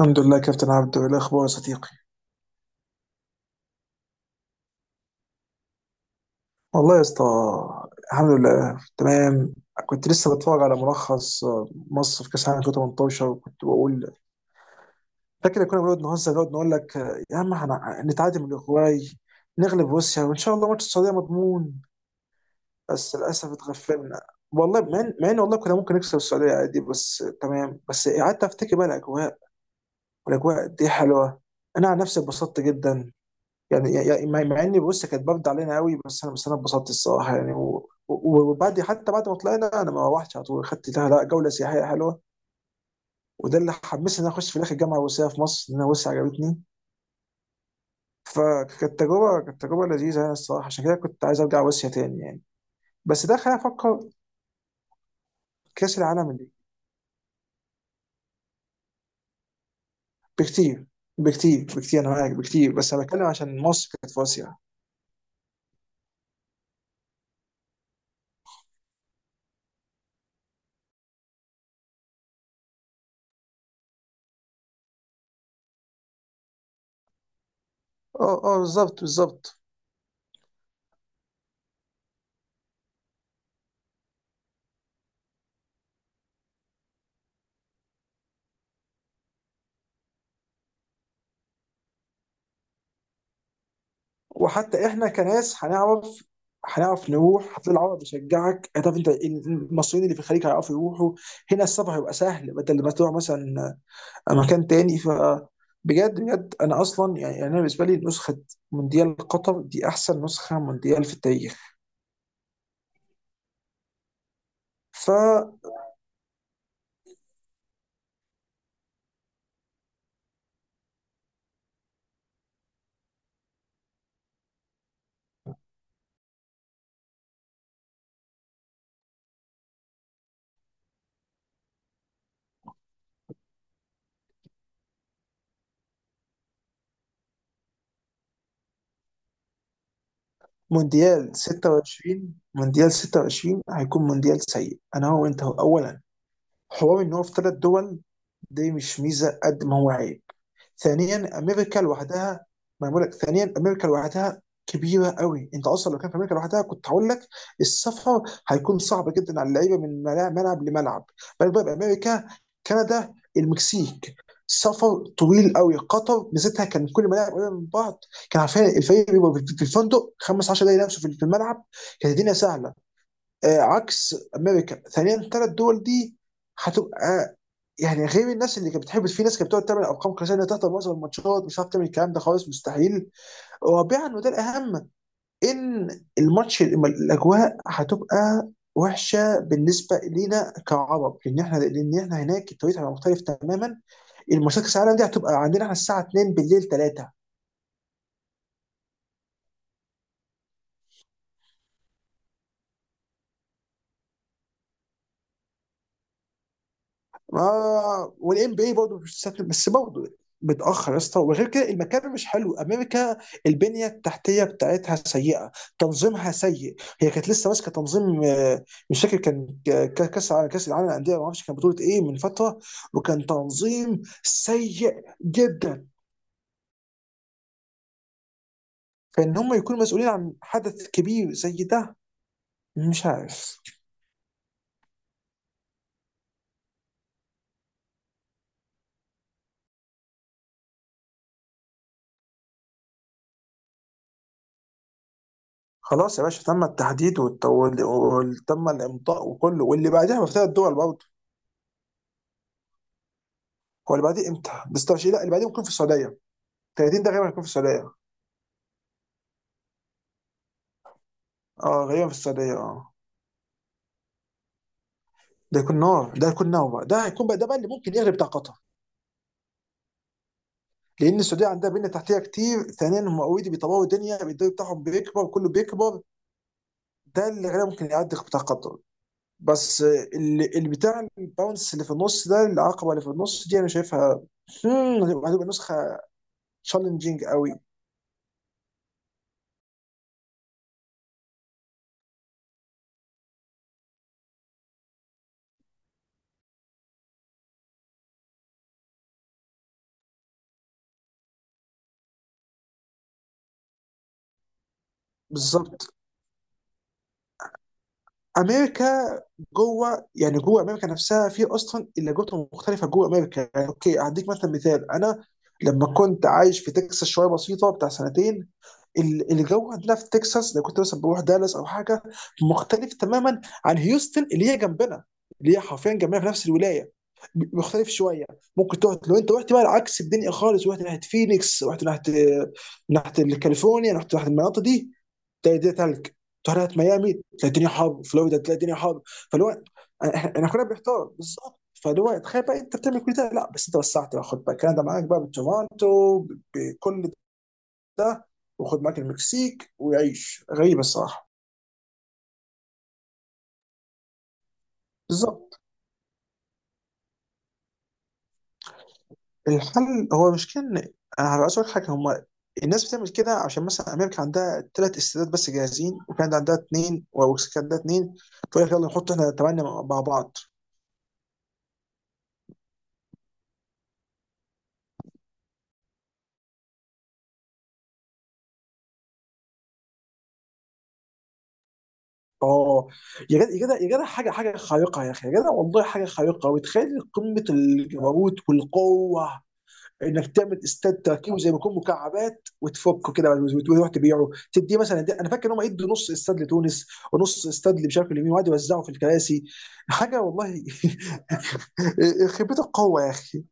الحمد لله كابتن عبدو، ايه الاخبار يا صديقي؟ والله يا اسطى، الحمد لله تمام. كنت لسه بتفرج على ملخص مصر في كاس العالم 2018، وكنت بقول، فاكر كنا بنقعد نهزر، نقعد نقول لك يا عم نتعادل من الاوروغواي، نغلب روسيا، وان شاء الله ماتش السعوديه مضمون. بس للاسف اتغفلنا، والله مع ان والله كنا ممكن نكسب السعوديه عادي. بس تمام، بس قعدت افتكر بقى الاجواء، والاجواء دي حلوه. انا عن نفسي اتبسطت جدا، يعني مع اني، بص، كانت بارده علينا قوي، بس انا اتبسطت الصراحه، يعني وبعد، حتى بعد ما طلعنا انا ما روحتش على طول، خدت لها لا جوله سياحيه حلوه. وده اللي حمسني ان انا اخش في الاخر الجامعه الروسيه في مصر، لان انا روسيا عجبتني. فكانت تجربه، كانت تجربه لذيذه يعني الصراحه، عشان كده كنت عايز ارجع روسيا تاني يعني. بس ده خلاني افكر. كاس العالم اللي بكتير، بكتير، انا معاك بكتير، بس انا بتكلم عشان مصر كانت في اسيا. اه اه، بالظبط بالظبط. وحتى احنا كناس هنعرف، نروح هتلاقي العرب بيشجعك، هتعرف انت المصريين اللي في الخليج هيعرفوا يروحوا، هنا السفر هيبقى سهل بدل ما تروح مثلا مكان تاني. ف بجد، انا اصلا، يعني انا بالنسبه لي نسخه مونديال قطر دي احسن نسخه مونديال في التاريخ. فمونديال 26، مونديال 26 هيكون مونديال سيء. انا هو وانت هو، اولا حوار ان هو في ثلاث دول، دي مش ميزه قد ما هو عيب. ثانيا، امريكا لوحدها، ما أنا بقول لك ثانيا امريكا لوحدها كبيره قوي. انت اصلا لو كان في امريكا لوحدها كنت هقول لك السفر هيكون صعب جدا على اللعيبه من ملعب لملعب، بالك بقى بامريكا، كندا، المكسيك، سفر طويل قوي. قطر ميزتها كان كل الملاعب قريبه من بعض، كان عارفين الفريق بيبقى في الفندق 15 دقيقه نفسه في الملعب، كانت الدنيا سهله. عكس امريكا. ثانيا الثلاث دول دي هتبقى، يعني غير الناس اللي كانت بتحب، في ناس كانت بتقعد تعمل ارقام قياسيه انها تحضر معظم الماتشات مش هتعرف تعمل الكلام ده خالص، مستحيل. رابعا وده الاهم، ان الماتش، الاجواء هتبقى وحشه بالنسبه لينا كعرب، لان احنا، لان احنا هناك التوقيت هيبقى مختلف تماما. الماتشات كاس العالم دي هتبقى عندنا احنا الساعه 2 بالليل 3، ما والان بي برضه مش سهل، بس برضه متاخر يا اسطى. وغير كده المكان مش حلو، امريكا البنيه التحتيه بتاعتها سيئه، تنظيمها سيء، هي كانت لسه ماسكه تنظيم، مش فاكر كان كاس العالم، كاس العالم للانديه، ما اعرفش كان بطوله ايه من فتره، وكان تنظيم سيء جدا. فان هم يكونوا مسؤولين عن حدث كبير زي ده، مش عارف. خلاص يا باشا، تم التحديد وتم الامضاء وكله، واللي بعدها في ثلاث دول برضه. هو اللي بعديه امتى؟ ده 26. لا، اللي بعديه ممكن في السعوديه. 30 ده غالبا هيكون في السعوديه. اه، غالبا في السعوديه اه. ده هيكون نار، ده هيكون نار بقى، ده هيكون بقى، ده بقى اللي ممكن يغلب بتاع قطر، لان السعوديه عندها بنيه تحتيه كتير. ثانيا هم اوريدي بيطوروا الدنيا، الدوري بتاعهم بيكبر، كله بيكبر. ده اللي غالبا ممكن يعدي بتاع قطر. بس اللي بتاع الباونس اللي في النص ده، العقبه اللي في النص دي انا شايفها. هتبقى نسخه تشالنجينج قوي. بالظبط. امريكا جوه، يعني جوه امريكا نفسها في اصلا اللهجات مختلفه جوه امريكا. يعني اوكي، هديك مثلا مثال، انا لما كنت عايش في تكساس شويه بسيطه بتاع سنتين، الجو عندنا في تكساس، لو كنت مثلا بروح دالاس او حاجه، مختلف تماما عن هيوستن اللي هي جنبنا، اللي هي حرفيا جنبنا في نفس الولايه، مختلف شويه. ممكن تروح لو انت رحت بقى العكس الدنيا خالص، رحت ناحيه فينيكس، رحت ناحيه، كاليفورنيا، رحت ناحيه المناطق دي، تلاقي الدنيا تلج. تروح ناحيه ميامي تلاقي الدنيا حر، فلوريدا تلاقي الدنيا حر. فاللي هو احنا كلنا بنحتار بالظبط. فاللي هو تخيل بقى انت بتعمل كل ده، لا بس انت وسعت بقى، خد بقى كندا معاك بقى بتورونتو بكل ده، وخد معاك المكسيك، ويعيش، غريبه الصراحه. بالظبط. الحل هو مش كان، انا هبقى اسالك حاجه، هم الناس بتعمل كده عشان مثلا امريكا عندها ثلاث استادات بس جاهزين، وكندا عندها اثنين، فيقول لك يلا نحط احنا ثمانيه مع بعض. اه. يا جدع يا جدع، حاجه خارقه يا اخي، يا جدع والله حاجه خارقه. وتخيل قمه الجبروت والقوه انك تعمل استاد تركيبه زي ما يكون مكعبات وتفكه كده، وتروح تبيعه تديه مثلا. دي انا فاكر ان هم يدوا نص استاد لتونس، ونص استاد اللي مش عارف اليمين، وقعدوا يوزعوا في الكراسي. حاجه والله. خيبه القوه يا اخي.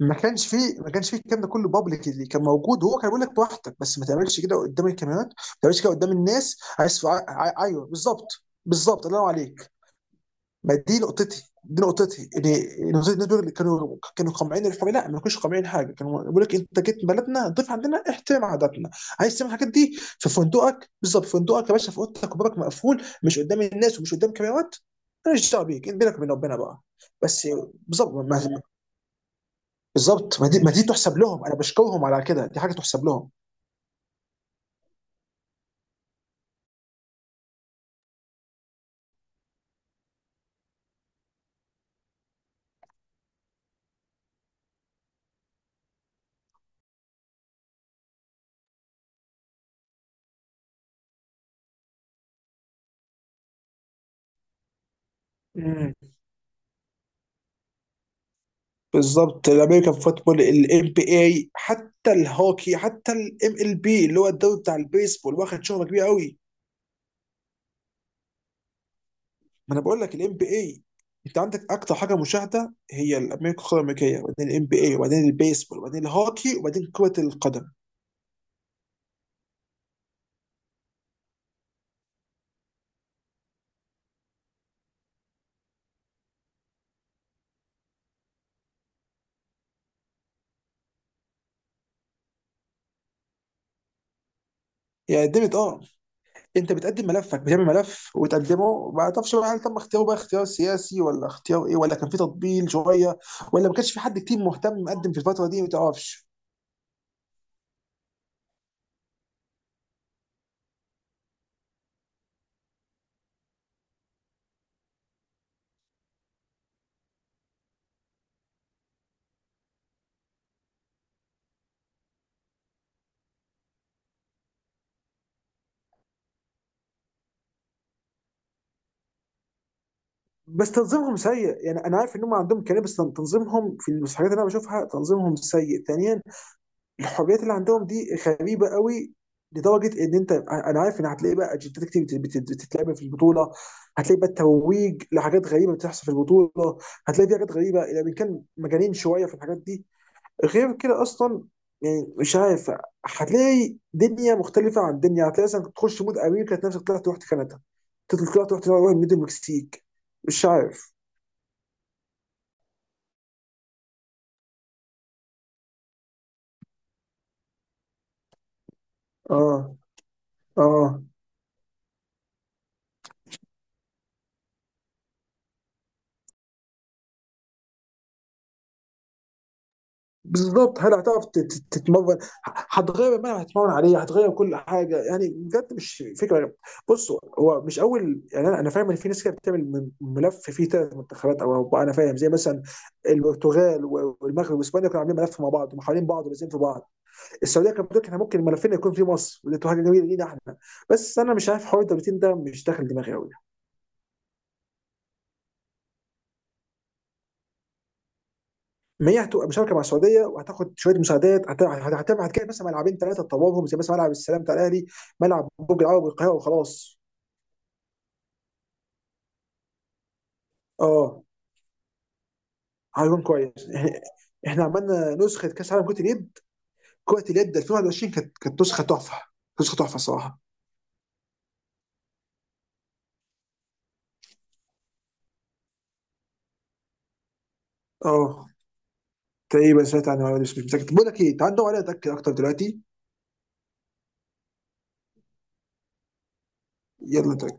ما كانش فيه الكلام ده كله بابليك، اللي كان موجود هو كان بيقول لك براحتك، بس ما تعملش كده قدام الكاميرات، ما تعملش كده قدام الناس. عايز ايوه بالظبط، بالظبط، الله ينور عليك. ما دي نقطتي، دي نقطتي، ان نقطتي، الناس كانوا قامعين الحريه. لا ما كانوش قامعين حاجه، كانوا بيقول لك انت جيت بلدنا ضيف عندنا احترم عاداتنا. عايز تعمل الحاجات دي في فندقك، بالظبط في فندقك يا باشا، في اوضتك وبابك مقفول، مش قدام الناس ومش قدام كاميرات. ماليش دعوه بيك، انت بينك وبين ربنا بقى. بس بالظبط، بالظبط. ما دي تحسب لهم، انا بشكرهم على كده، دي حاجه تحسب لهم. مم. بالظبط. الامريكان فوتبول، الام بي اي، حتى الهوكي، حتى الام ال بي اللي هو الدوري بتاع البيسبول، واخد شهره كبيره قوي. ما انا بقول لك الام بي اي، انت عندك اكتر حاجه مشاهده هي الامريكان، القاره الامريكيه، وبعدين الام بي اي، وبعدين البيسبول، وبعدين الهوكي، وبعدين كره القدم. يعني دمت اه، انت بتقدم ملفك، بتعمل ملف وتقدمه، ما تعرفش بقى هل تم اختياره بقى اختيار سياسي ولا اختيار ايه، ولا كان في تطبيل شويه، ولا ما كانش في حد كتير مهتم مقدم في الفتره دي، ما تعرفش. بس تنظيمهم سيء، يعني انا عارف ان هم عندهم كلام، بس تنظيمهم في الحاجات اللي انا بشوفها تنظيمهم سيء. ثانيا الحريات اللي عندهم دي غريبه قوي، لدرجه ان انت، انا عارف ان هتلاقي بقى اجندات كتير بتتلعب في البطوله، هتلاقي بقى الترويج لحاجات غريبه بتحصل في البطوله، هتلاقي في حاجات غريبه. اذا كان مجانين شويه في الحاجات دي، غير كده اصلا، يعني مش عارف. هتلاقي دنيا مختلفه عن دنيا، هتلاقي مثلا تخش مود امريكا تلاقي نفسك طلعت رحت كندا، تطلع طلعت رحت، مود المكسيك. مش عارف. اه اه، بالظبط. هل هتعرف تتمرن، هتغير الملعب، هتتمرن عليه، هتغير كل حاجه؟ يعني بجد مش فكره. بصوا، هو مش اول، يعني انا، فاهم ان في ناس كده بتعمل ملف فيه ثلاث منتخبات او اربعه. انا فاهم، زي مثلا البرتغال والمغرب واسبانيا كانوا عاملين ملف مع بعض، ومحاولين بعض، ولازم في بعض. السعوديه كانت بتقول احنا ممكن ملفنا يكون في مصر، ودي تبقى حاجه جميله لينا احنا. بس انا مش عارف حوار الدولتين ده مش داخل دماغي قوي. ما هي هتبقى مشاركه مع السعوديه، وهتاخد شويه مساعدات، هتبقى هتجيب مثلا ملعبين ثلاثه تطورهم، زي مثلا ملعب السلام بتاع الاهلي، ملعب برج العرب والقاهره وخلاص. اه، هيكون كويس. احنا عملنا نسخه كاس عالم كره اليد، 2021 كانت، نسخه تحفه، نسخه تحفه الصراحه. اه، تقريبا سمعت عنها ولا مش متاكد. بقول لك ايه، تعال ندور عليها اتاكد اكتر دلوقتي. يلا نتأكد.